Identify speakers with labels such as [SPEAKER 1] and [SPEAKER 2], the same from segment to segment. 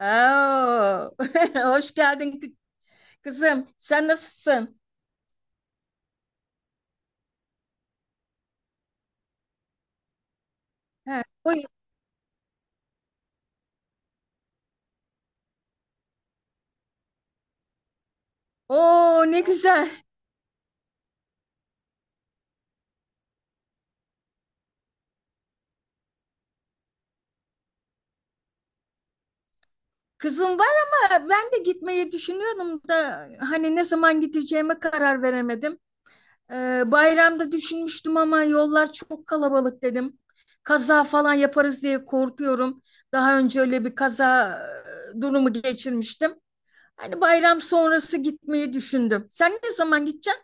[SPEAKER 1] Oo. Hoş geldin kızım. Sen nasılsın? He, buyur. Oo ne güzel. Kızım var ama ben de gitmeyi düşünüyordum da hani ne zaman gideceğime karar veremedim. Bayramda düşünmüştüm ama yollar çok kalabalık dedim. Kaza falan yaparız diye korkuyorum. Daha önce öyle bir kaza durumu geçirmiştim. Hani bayram sonrası gitmeyi düşündüm. Sen ne zaman gideceksin?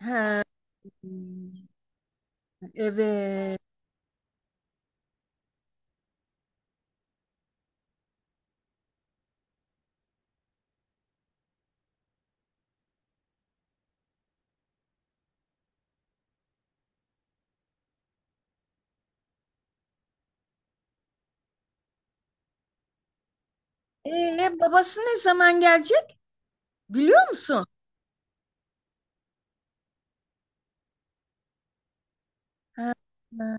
[SPEAKER 1] He, evet. Babası ne zaman gelecek biliyor musun? Ha,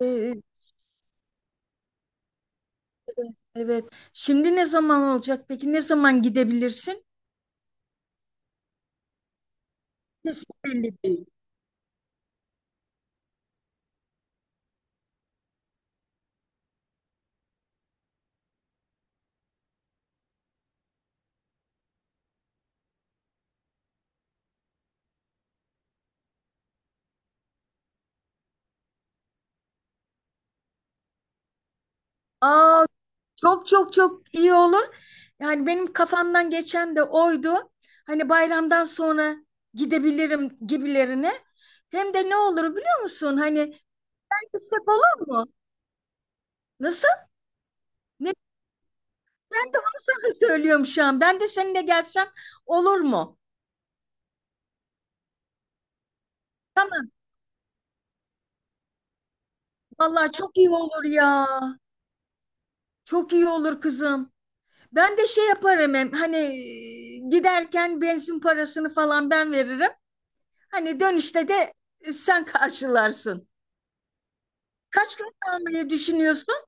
[SPEAKER 1] ee, evet. Şimdi ne zaman olacak? Peki ne zaman gidebilirsin? Kesin belli değil. Aa, çok çok çok iyi olur. Yani benim kafamdan geçen de oydu. Hani bayramdan sonra gidebilirim gibilerine. Hem de ne olur biliyor musun? Hani gitsek olur mu? Nasıl? Ne? Ben de onu sana söylüyorum şu an. Ben de seninle gelsem olur mu? Tamam. Vallahi çok iyi olur ya. Çok iyi olur kızım. Ben de şey yaparım hem hani giderken benzin parasını falan ben veririm. Hani dönüşte de sen karşılarsın. Kaç gün kalmayı düşünüyorsun?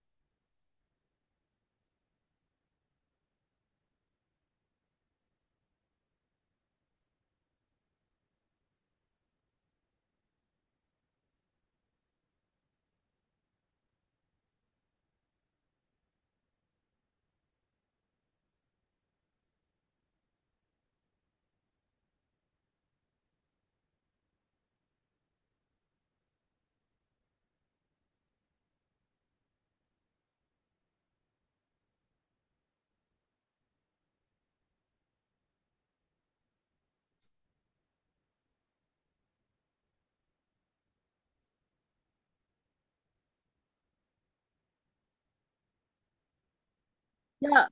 [SPEAKER 1] Ya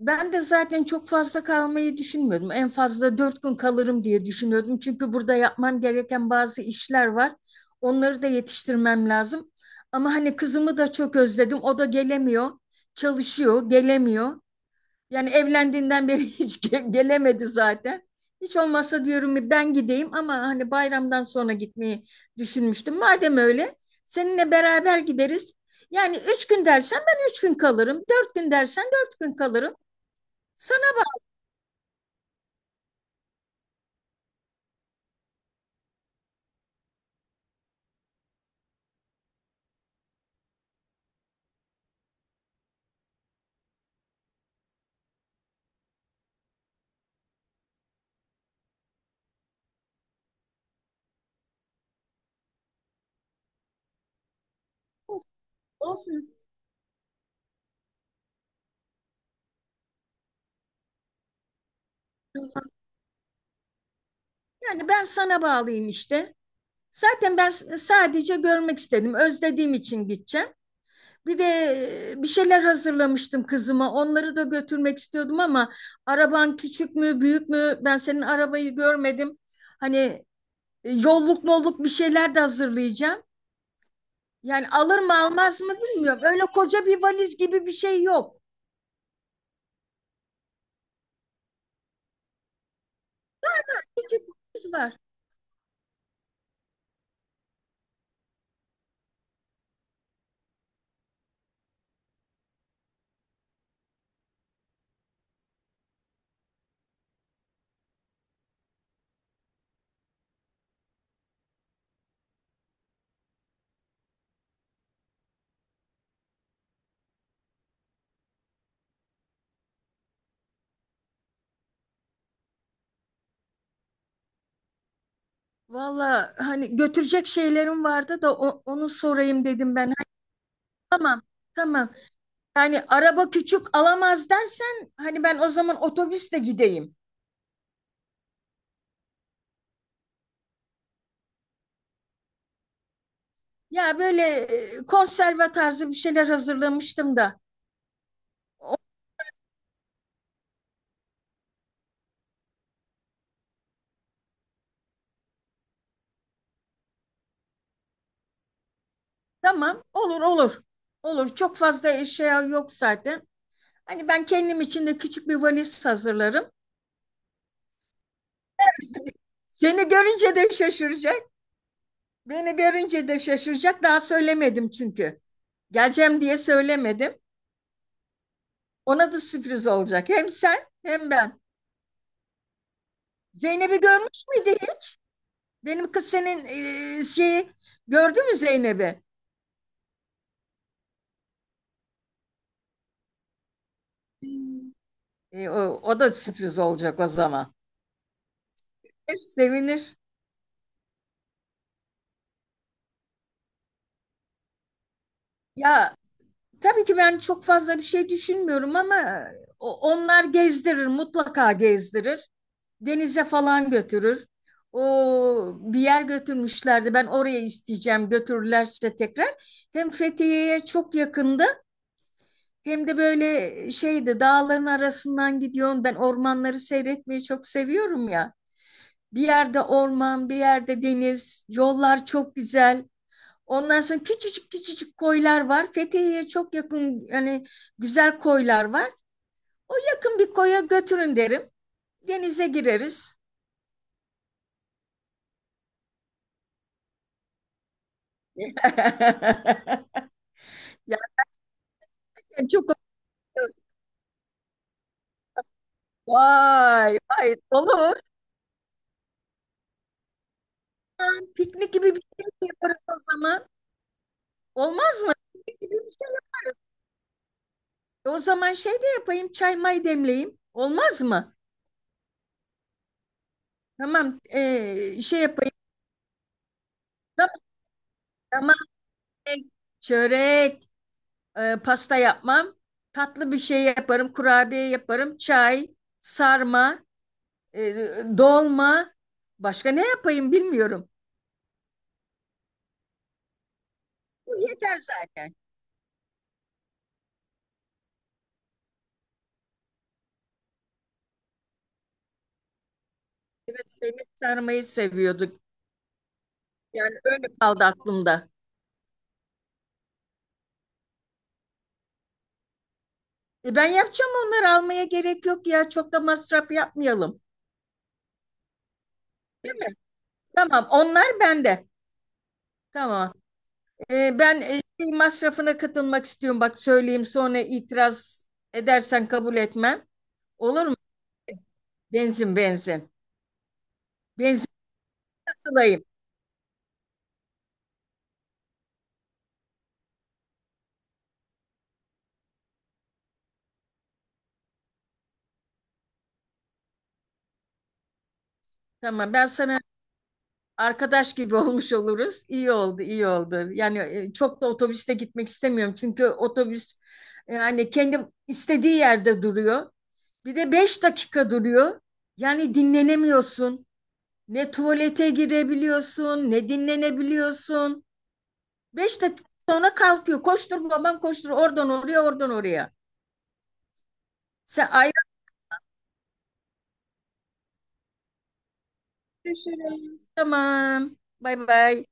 [SPEAKER 1] ben de zaten çok fazla kalmayı düşünmüyordum. En fazla 4 gün kalırım diye düşünüyordum. Çünkü burada yapmam gereken bazı işler var. Onları da yetiştirmem lazım. Ama hani kızımı da çok özledim. O da gelemiyor. Çalışıyor, gelemiyor. Yani evlendiğinden beri hiç gelemedi zaten. Hiç olmazsa diyorum ben gideyim ama hani bayramdan sonra gitmeyi düşünmüştüm. Madem öyle seninle beraber gideriz. Yani 3 gün dersen ben 3 gün kalırım. 4 gün dersen 4 gün kalırım. Sana bu- olsun. Yani ben sana bağlıyım işte. Zaten ben sadece görmek istedim. Özlediğim için gideceğim. Bir de bir şeyler hazırlamıştım kızıma. Onları da götürmek istiyordum ama araban küçük mü, büyük mü? Ben senin arabayı görmedim. Hani yolluk molluk bir şeyler de hazırlayacağım. Yani alır mı almaz mı bilmiyorum. Öyle koca bir valiz gibi bir şey yok. Küçük bir valiz var. Valla hani götürecek şeylerim vardı da onu sorayım dedim ben. Hani tamam, tamam. Yani araba küçük alamaz dersen hani ben o zaman otobüsle gideyim. Ya böyle konserve tarzı bir şeyler hazırlamıştım da. O- tamam, olur olur. Olur, çok fazla eşya yok zaten. Hani ben kendim için de küçük bir valiz hazırlarım. Seni görünce de şaşıracak. Beni görünce de şaşıracak. Daha söylemedim çünkü. Geleceğim diye söylemedim. Ona da sürpriz olacak. Hem sen hem ben. Zeynep'i görmüş müydü hiç? Benim kız senin şeyi gördü mü Zeynep'i? E, o, o da sürpriz olacak o zaman. Sevinir. Ya tabii ki ben çok fazla bir şey düşünmüyorum ama onlar gezdirir, mutlaka gezdirir. Denize falan götürür. O bir yer götürmüşlerdi. Ben oraya isteyeceğim götürürlerse tekrar. Hem Fethiye'ye çok yakındı hem de böyle şeydi, dağların arasından gidiyorum. Ben ormanları seyretmeyi çok seviyorum ya. Bir yerde orman, bir yerde deniz, yollar çok güzel. Ondan sonra küçücük küçücük koylar var. Fethiye'ye çok yakın, yani güzel koylar var. O yakın bir koya götürün derim. Denize gireriz. Yani çok vay vay dolu. Piknik gibi bir şey de yaparız o zaman. Olmaz mı? Piknik gibi bir şey o zaman şey de yapayım, çay may demleyeyim. Olmaz mı? Tamam, şey yapayım. Tamam, tamam. e, Çörek. Pasta yapmam. Tatlı bir şey yaparım, kurabiye yaparım, çay, sarma, e, dolma. Başka ne yapayım bilmiyorum. Bu yeter zaten. Evet, Semih sarmayı seviyorduk. Yani öyle kaldı aklımda. E, ben yapacağım, onları almaya gerek yok ya. Çok da masraf yapmayalım. Değil mi? Tamam, onlar bende. Tamam. E, ben şey masrafına katılmak istiyorum. Bak söyleyeyim, sonra itiraz edersen kabul etmem. Olur mu? Benzin, benzin. Benzin katılayım. Tamam, ben sana arkadaş gibi olmuş oluruz. İyi oldu, iyi oldu. Yani çok da otobüste gitmek istemiyorum. Çünkü otobüs yani kendi istediği yerde duruyor. Bir de 5 dakika duruyor. Yani dinlenemiyorsun. Ne tuvalete girebiliyorsun, ne dinlenebiliyorsun. Beş dakika sonra kalkıyor. Koştur babam koştur. Oradan oraya, oradan oraya. Sen ayrı düşünün. Tamam. Bay bay.